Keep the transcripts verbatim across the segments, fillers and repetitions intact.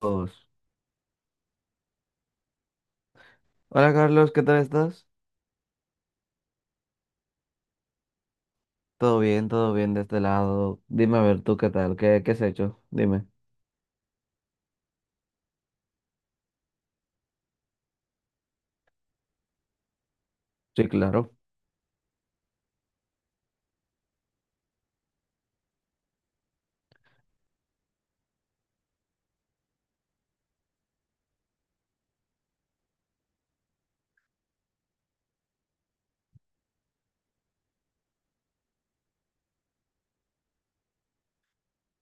Dos. Hola Carlos, ¿qué tal estás? Todo bien, todo bien de este lado. Dime a ver tú qué tal, qué, qué has hecho. Dime. Sí, claro.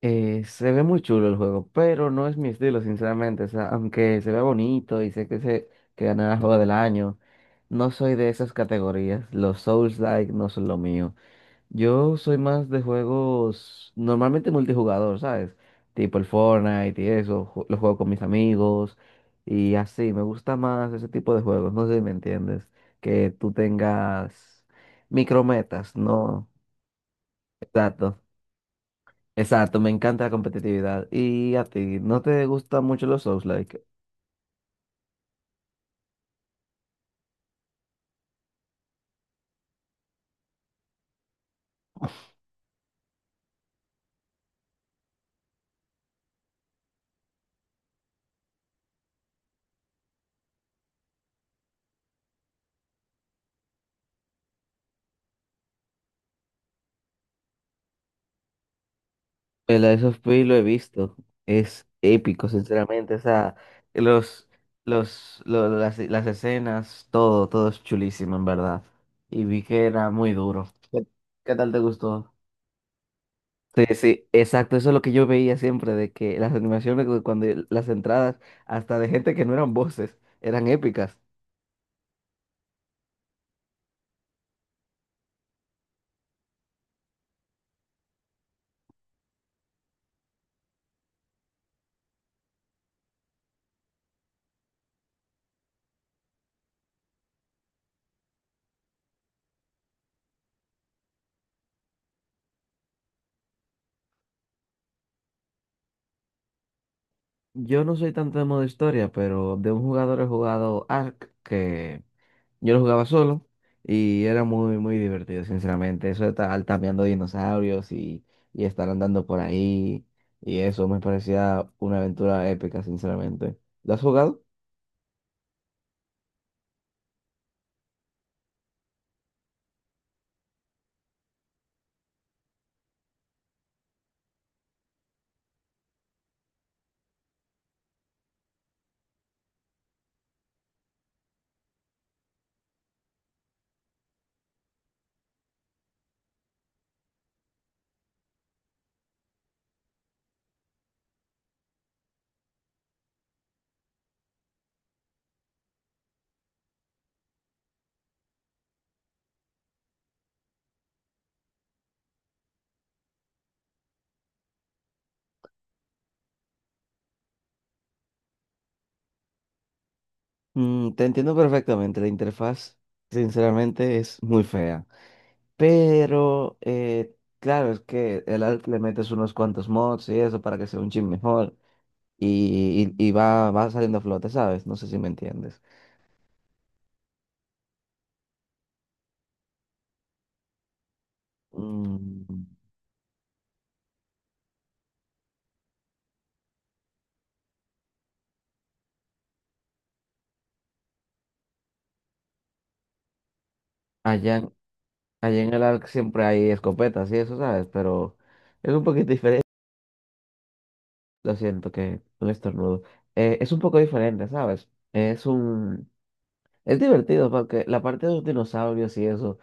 Eh, se ve muy chulo el juego, pero no es mi estilo, sinceramente. O sea, aunque se ve bonito y sé que se que ganará el juego del año, no soy de esas categorías. Los Souls-like no son lo mío. Yo soy más de juegos normalmente multijugador, ¿sabes? Tipo el Fortnite y eso, ju- lo juego con mis amigos y así, me gusta más ese tipo de juegos, no sé si me entiendes, que tú tengas micrometas, ¿no? Exacto, exacto, me encanta la competitividad. ¿Y a ti, no te gustan mucho los souls? El Lies of P lo he visto. Es épico, sinceramente. O sea, los, los, lo- las, las escenas, todo, todo es chulísimo, en verdad. Y vi que era muy duro. ¿Qué, qué tal te gustó? Sí, sí, exacto. Eso es lo que yo veía siempre, de que las animaciones, cu- cuando las entradas, hasta de gente que no eran voces, eran épicas. Yo no soy tanto de modo historia, pero de un jugador he jugado Ark, que yo lo jugaba solo y era muy, muy divertido, sinceramente. Eso de estar cambiando dinosaurios y, y estar andando por ahí y eso me parecía una aventura épica, sinceramente. ¿Lo has jugado? Mm, te entiendo perfectamente. La interfaz, sinceramente, es muy fea. Pero, eh, claro, es que el arte le metes unos cuantos mods y eso para que sea un chin mejor y, y- y va, va saliendo a flote, ¿sabes? No sé si me entiendes. Mm, allá. Allí en el ARC siempre hay escopetas y eso, ¿sabes? Pero es un poquito diferente. Lo siento que un estornudo. Eh, es un poco diferente, ¿sabes? Es un... Es divertido porque la parte de los dinosaurios y eso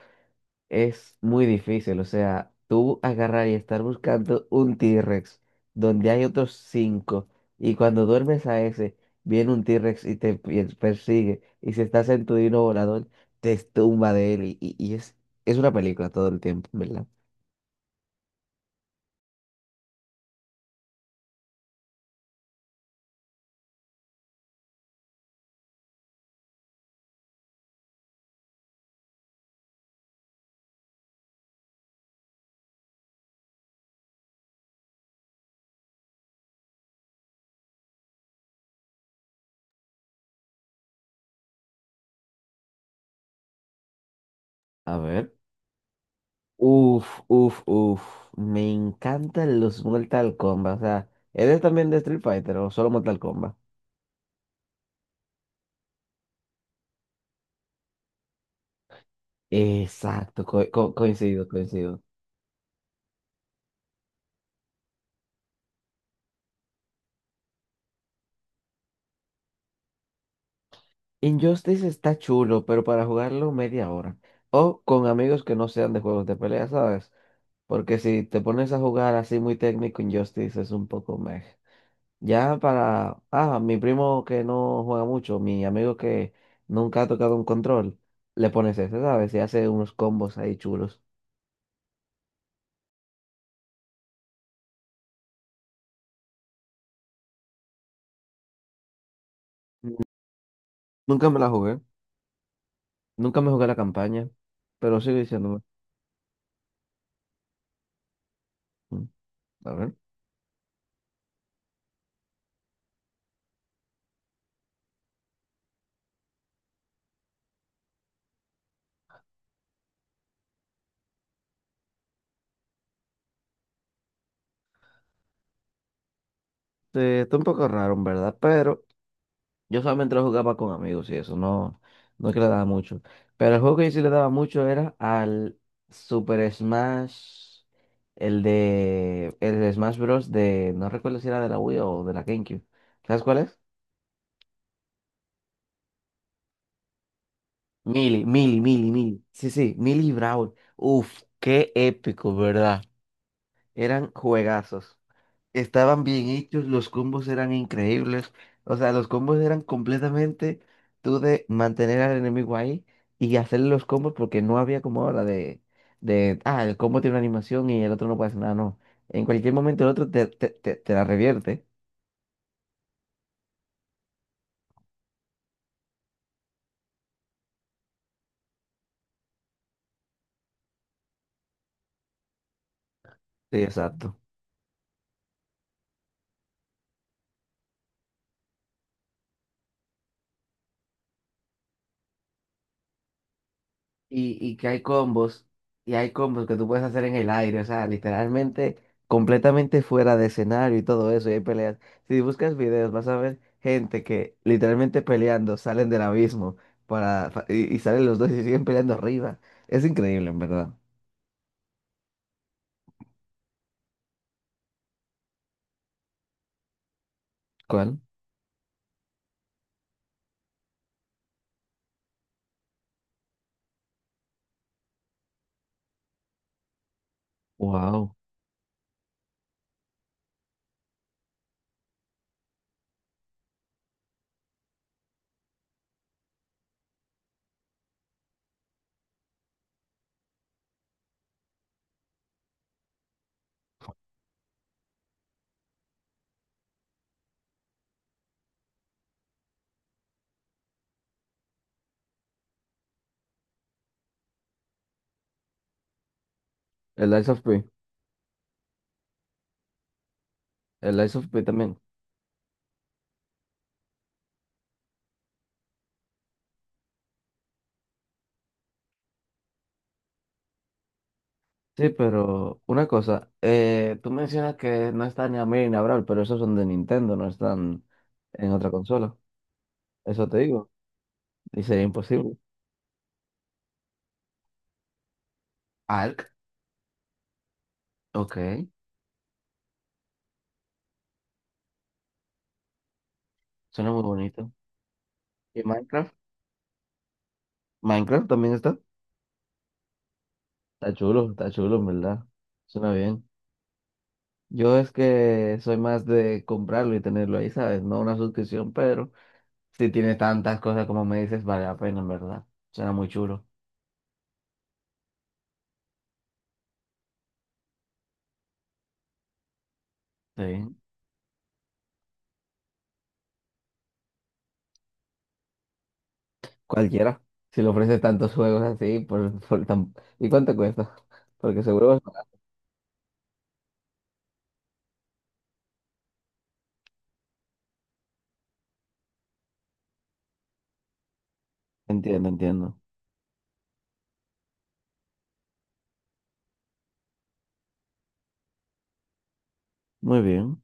es muy difícil. O sea, tú agarrar y estar buscando un T-Rex donde hay otros cinco y cuando duermes a ese, viene un T-Rex y te pi- persigue y si estás en tu dino volador, te tumba de él y, y- y es, es una película todo el tiempo, ¿verdad? A ver. Uf, uf, uf. Me encantan los Mortal Kombat. O sea, ¿eres también de Street Fighter o solo Mortal Kombat? Exacto, co- co- coincido, coincido. Injustice está chulo, pero para jugarlo media hora. O con amigos que no sean de juegos de pelea, ¿sabes? Porque si te pones a jugar así muy técnico, Injustice es un poco meh. Ya para, ah, mi primo que no juega mucho, mi amigo que nunca ha tocado un control, le pones ese, ¿sabes? Y hace unos combos ahí chulos. Nunca me la jugué, nunca me jugué la campaña, pero sigo diciéndome. "Mm, a ver, eh, está un poco raro, en verdad, pero yo solamente lo jugaba con amigos y eso, no, no es que le daba mucho. Pero el juego que yo sí le daba mucho era al Super Smash, el de, el de Smash Bros. De, no recuerdo si era de la Wii o de la GameCube. ¿Sabes cuál es? Mili, Mili, Mili, Mili. Sí, sí, Mili y Brawl. Uf, qué épico, ¿verdad? Eran juegazos. Estaban bien hechos, los combos eran increíbles. O sea, los combos eran completamente tú de mantener al enemigo ahí y hacerle los combos porque no había como ahora de, de, ah, el combo tiene una animación y el otro no puede hacer nada, no. En cualquier momento el otro te, te, te, te la revierte. Sí, exacto. Y, y que hay combos, y hay combos que tú puedes hacer en el aire, o sea, literalmente completamente fuera de escenario y todo eso, y hay peleas. Si buscas videos vas a ver gente que literalmente peleando salen del abismo para, fa- y, y salen los dos y siguen peleando arriba. Es increíble, en verdad. ¿Cuál? Wow. El Lies of P. El Lies of P también. Sí, pero una cosa, eh, tú mencionas que no está ni a mí ni a Brawl, pero esos son de Nintendo, no están en otra consola. Eso te digo. Ni sería imposible. Ark, ok. Suena muy bonito. ¿Y Minecraft? Minecraft también está. Está chulo, está chulo, en verdad. Suena bien. Yo es que soy más de comprarlo y tenerlo ahí, ¿sabes? No una suscripción, pero si tiene tantas cosas como me dices, vale la pena, en verdad. Suena muy chulo. Sí. Cualquiera. Si le ofrece tantos juegos así, por, por tan- ¿y cuánto cuesta? Porque seguro es barato. Entiendo, entiendo. Muy bien.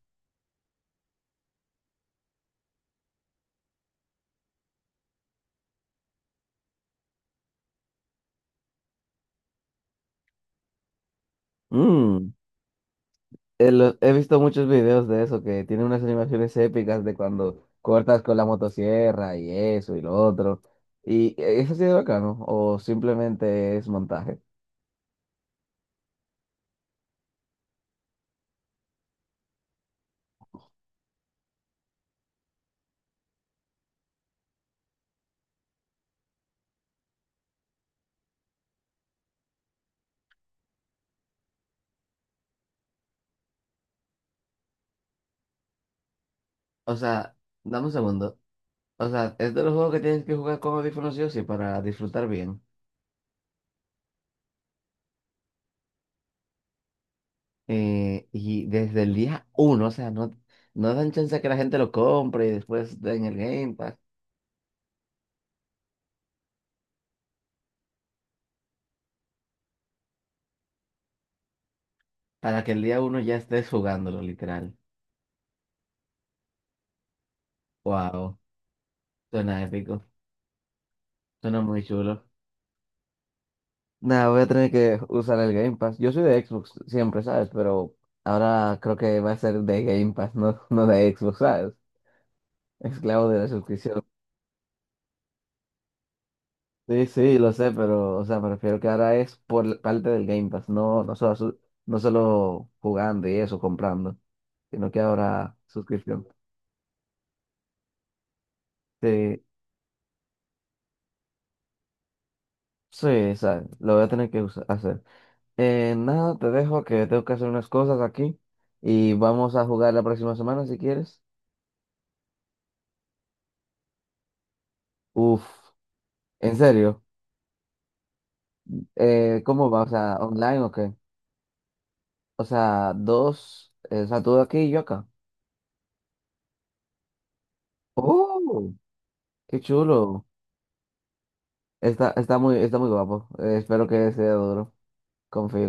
Mm, Eh, lo- He visto muchos videos de eso, que tiene unas animaciones épicas de cuando cortas con la motosierra y eso y lo otro. ¿Y eh, eso sí es bacano? ¿O simplemente es montaje? O sea, dame un segundo. O sea, es de los juegos que tienes que jugar con audífonos sí o sí para disfrutar bien. Eh, y desde el día uno, o sea, no, no dan chance a que la gente lo compre y después den el Game Pass para que el día uno ya estés jugándolo, literal. Wow, suena épico, suena muy chulo. Nada, voy a tener que usar el Game Pass. Yo soy de Xbox siempre, ¿sabes? Pero ahora creo que va a ser de Game Pass, no, no de Xbox, ¿sabes? Esclavo de la suscripción. Sí, sí, lo sé, pero, o sea, me refiero que ahora es por la parte del Game Pass, no, no solo, su- no solo jugando y eso, comprando, sino que ahora suscripción. Sí, sí, ¿sabes? Lo voy a tener que usa- hacer. Eh, nada, te dejo que tengo que hacer unas cosas aquí y vamos a jugar la próxima semana si quieres. Uf, ¿en serio? Eh, ¿cómo va? O sea, ¿online o qué? O sea, dos, eh, o sea, tú aquí y yo acá. ¡Oh! ¡Qué chulo! Está, está muy, está muy guapo. Eh, espero que sea duro. Confío.